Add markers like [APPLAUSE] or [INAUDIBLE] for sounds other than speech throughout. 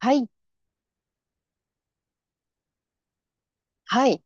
はい、はい、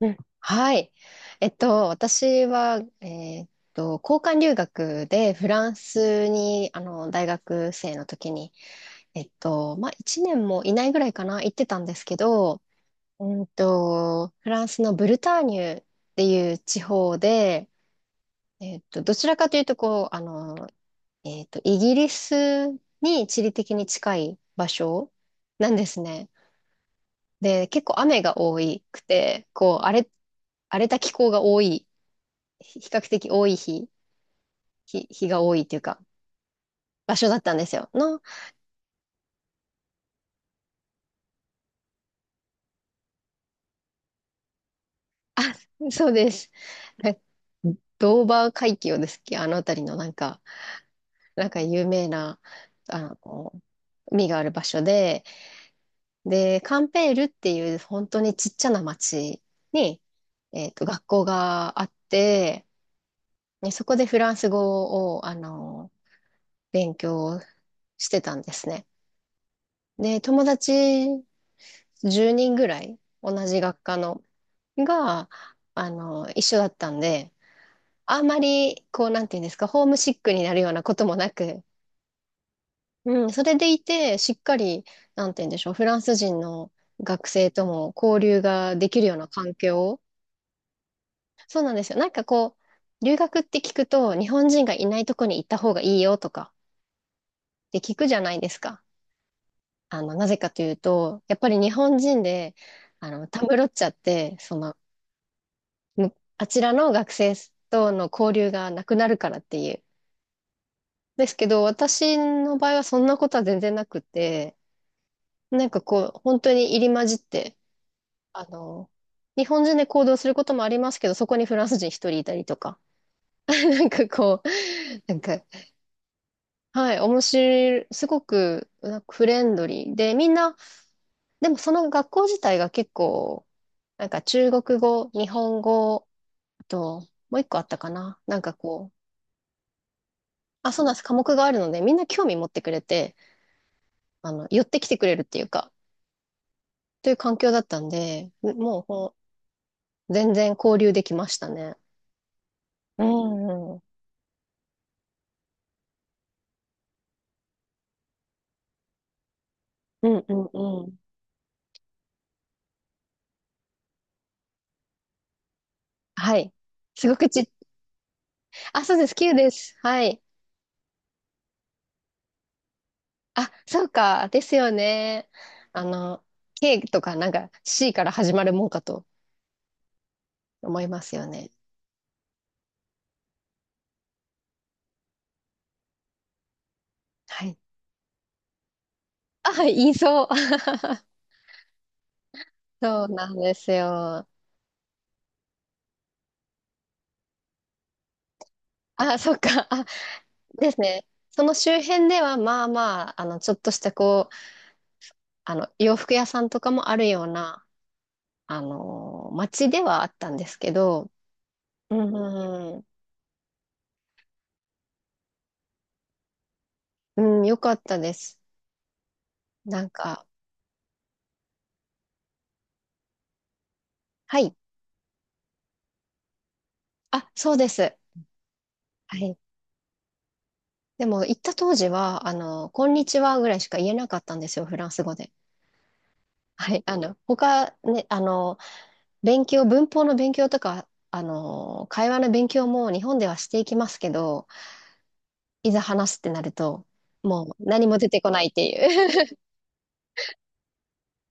うん。はい。私は、交換留学でフランスに、大学生の時に、まあ、1年もいないぐらいかな、行ってたんですけど、フランスのブルターニュっていう地方で、どちらかというと、こう、イギリスに地理的に近い場所なんですね。で、結構雨が多くて、こう、荒れた気候が多い、比較的多い日が多いというか、場所だったんですよ。あ、[LAUGHS] そうです。[LAUGHS] なドーバー海峡ですっけ、あの辺りの有名な、あの、海がある場所で、で、カンペールっていう本当にちっちゃな町に、学校があって、ね、そこでフランス語を、勉強してたんですね。で、友達10人ぐらい、同じ学科の、が、一緒だったんで、あんまり、こう、なんていうんですか、ホームシックになるようなこともなく、うん、それでいて、しっかり、なんていうんでしょう、フランス人の学生とも交流ができるような環境。そうなんですよ。なんかこう、留学って聞くと、日本人がいないとこに行った方がいいよとか、って聞くじゃないですか。なぜかというと、やっぱり日本人で、たむろっちゃって、あちらの学生との交流がなくなるからっていう。ですけど、私の場合はそんなことは全然なくて、なんかこう、本当に入り混じって、あの、日本人で行動することもありますけど、そこにフランス人一人いたりとか、[LAUGHS] なんかこう、なんか、はい、面白い、すごくなんかフレンドリーで、みんな、でもその学校自体が結構、なんか中国語、日本語、あと、もう一個あったかな。なんかこう、あ、そうなんです。科目があるので、みんな興味持ってくれて、寄ってきてくれるっていうか、という環境だったんで、もうこう、全然交流できましたね。うん、うん、うんうんうん。はい。すごくち、あ、そうです。Q です。はい。あ、そうか。ですよね。あの、K とかなんか C から始まるもんかと思いますよね。はい。あ、はい、言いそう。[LAUGHS] そうなんですよ。あ、そっか。あ、ですね。その周辺では、まあまあ、ちょっとしたこう、洋服屋さんとかもあるような、街ではあったんですけど、うん、うん、うんよかったです。なんか、はい。あ、そうです。はい。でも、行った当時は、こんにちはぐらいしか言えなかったんですよ、フランス語で。はい。他、ね、文法の勉強とか、会話の勉強も日本ではしていきますけど、いざ話すってなると、もう何も出てこないっていう。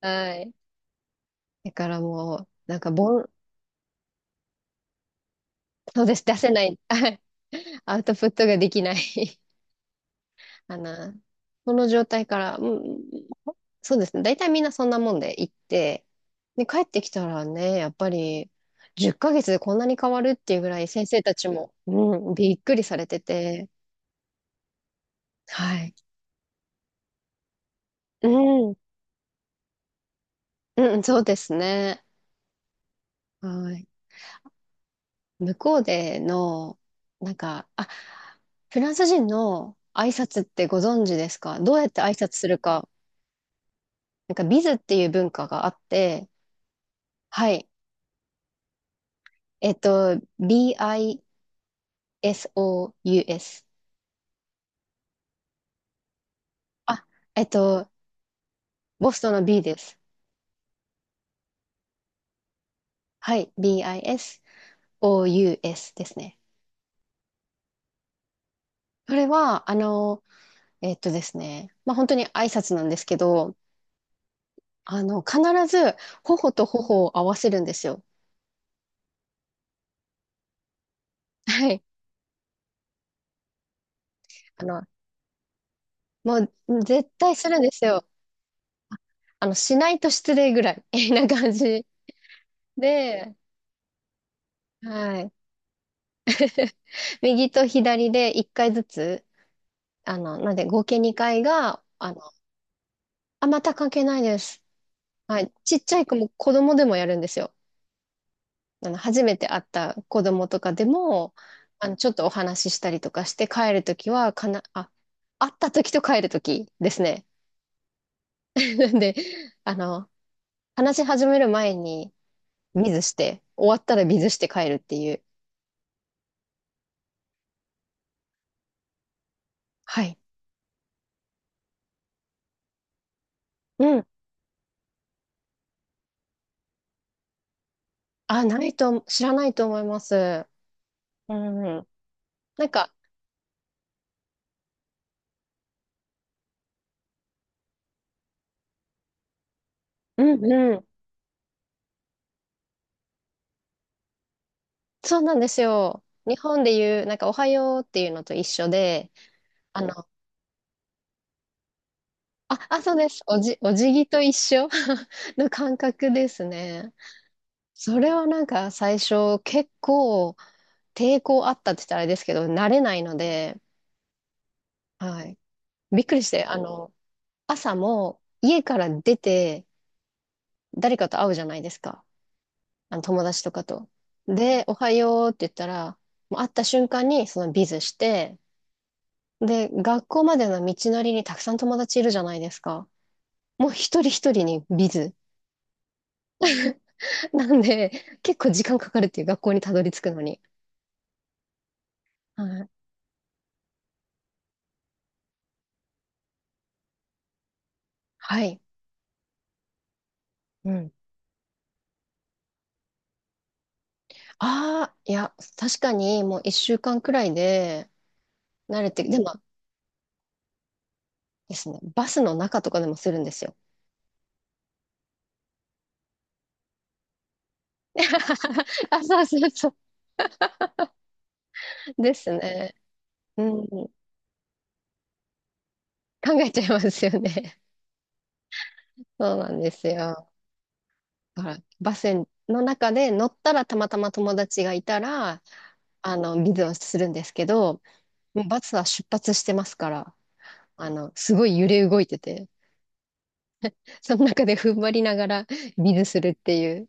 [LAUGHS] はい。だからもう、なんか、そうです、出せない。[LAUGHS] はい。アウトプットができない [LAUGHS] あの、この状態から、うん、そうですね。大体みんなそんなもんで行って、で、帰ってきたらね、やっぱり、10ヶ月でこんなに変わるっていうぐらい先生たちも、うん、びっくりされてて、はい。うん、うん、そうですね。はい。向こうでの、なんか、あ、フランス人の挨拶ってご存知ですか？どうやって挨拶するか。なんか、ビズっていう文化があって、はい。えっと、B-I-S-O-U-S。あ、えっと、ボストンの B です。はい。B-I-S-O-U-S ですね。それは、えっとですね、まあ、本当に挨拶なんですけど、必ず、頬と頬を合わせるんですよ。はい。あの、もう絶対するんですよ。しないと失礼ぐらい [LAUGHS] みたいな感じで、はい。右と左で1回ずつ、なんで合計2回が、あ、また関係ないです。はい。ちっちゃい子も子供でもやるんですよ。初めて会った子供とかでも、ちょっとお話ししたりとかして帰るときは、かな、あ、会ったときと帰るときですね。[LAUGHS] なんで、あの、話し始める前に、水して、終わったら水して帰るっていう。はい。うん。あ、ないと、知らないと思います。うん。なんか、うんうん。そうなんですよ。日本で言う、なんか、おはようっていうのと一緒で、あの、あ、あ、そうです。お辞儀と一緒 [LAUGHS] の感覚ですね。それはなんか、最初、結構、抵抗あったって言ったらあれですけど、慣れないので、はい。びっくりして、朝も、家から出て、誰かと会うじゃないですか。あの友達とかと。で、おはようって言ったら、もう会った瞬間にそのビズして、で、学校までの道のりにたくさん友達いるじゃないですか。もう一人一人にビズ。[LAUGHS] なんで、結構時間かかるっていう学校にたどり着くのに。はい。はい。うん。ああ、いや、確かにもう一週間くらいで慣れて、でもですね、バスの中とかでもするんですよ。[LAUGHS] あ、そうそうそう。ですね。うん。考えちゃいますよね。そうなんですよ。だからバスの中で乗ったらたまたま友達がいたら、水をするんですけど、もうバスは出発してますから、すごい揺れ動いてて、その中で踏ん張りながら [LAUGHS] 水するっていう。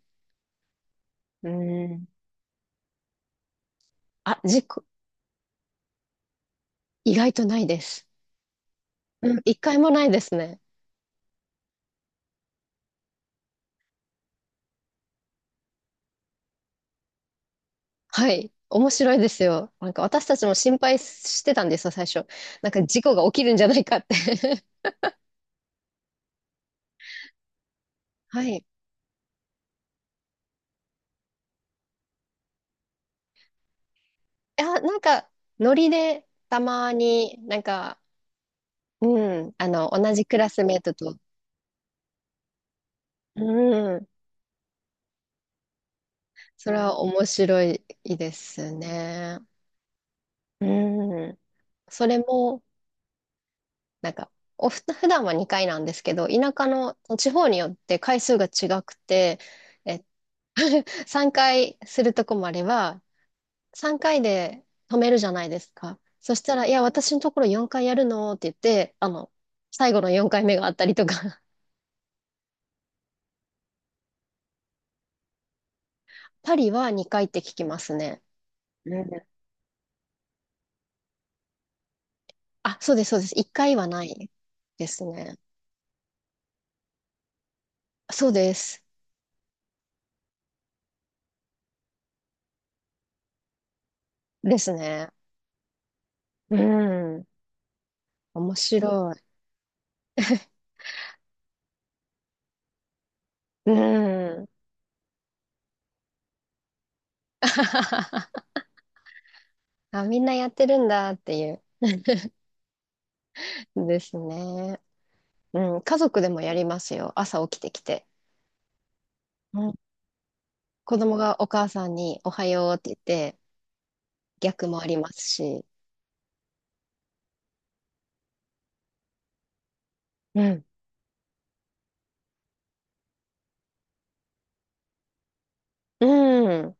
うん。あ、事故、意外とないです。うん、一回もないですね。はい。面白いですよ。なんか私たちも心配してたんですよ、最初。なんか事故が起きるんじゃないかって [LAUGHS] はい。いや、なんか、ノリでたまになんかうん。同じクラスメートと。うん。それは面白いですね。うん。それも、なんか、普段は2回なんですけど、田舎の地方によって回数が違くて、え、[LAUGHS] 3回するとこもあれば、3回で止めるじゃないですか。そしたら、いや、私のところ4回やるのって言って、最後の4回目があったりとか、[LAUGHS] パリは2回って聞きますね。あ、そうです、そうです。一回はないですね。そうです。ですね。うん。面白い。うん。[LAUGHS] あ、みんなやってるんだっていう。ですね。うん。家族でもやりますよ。朝起きてきて。うん。子供がお母さんにおはようって言って、逆もありますし。うん。うん。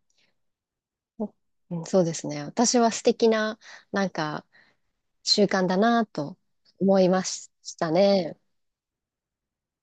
うんそうですね。私は素敵な、なんか、習慣だなと思いましたね。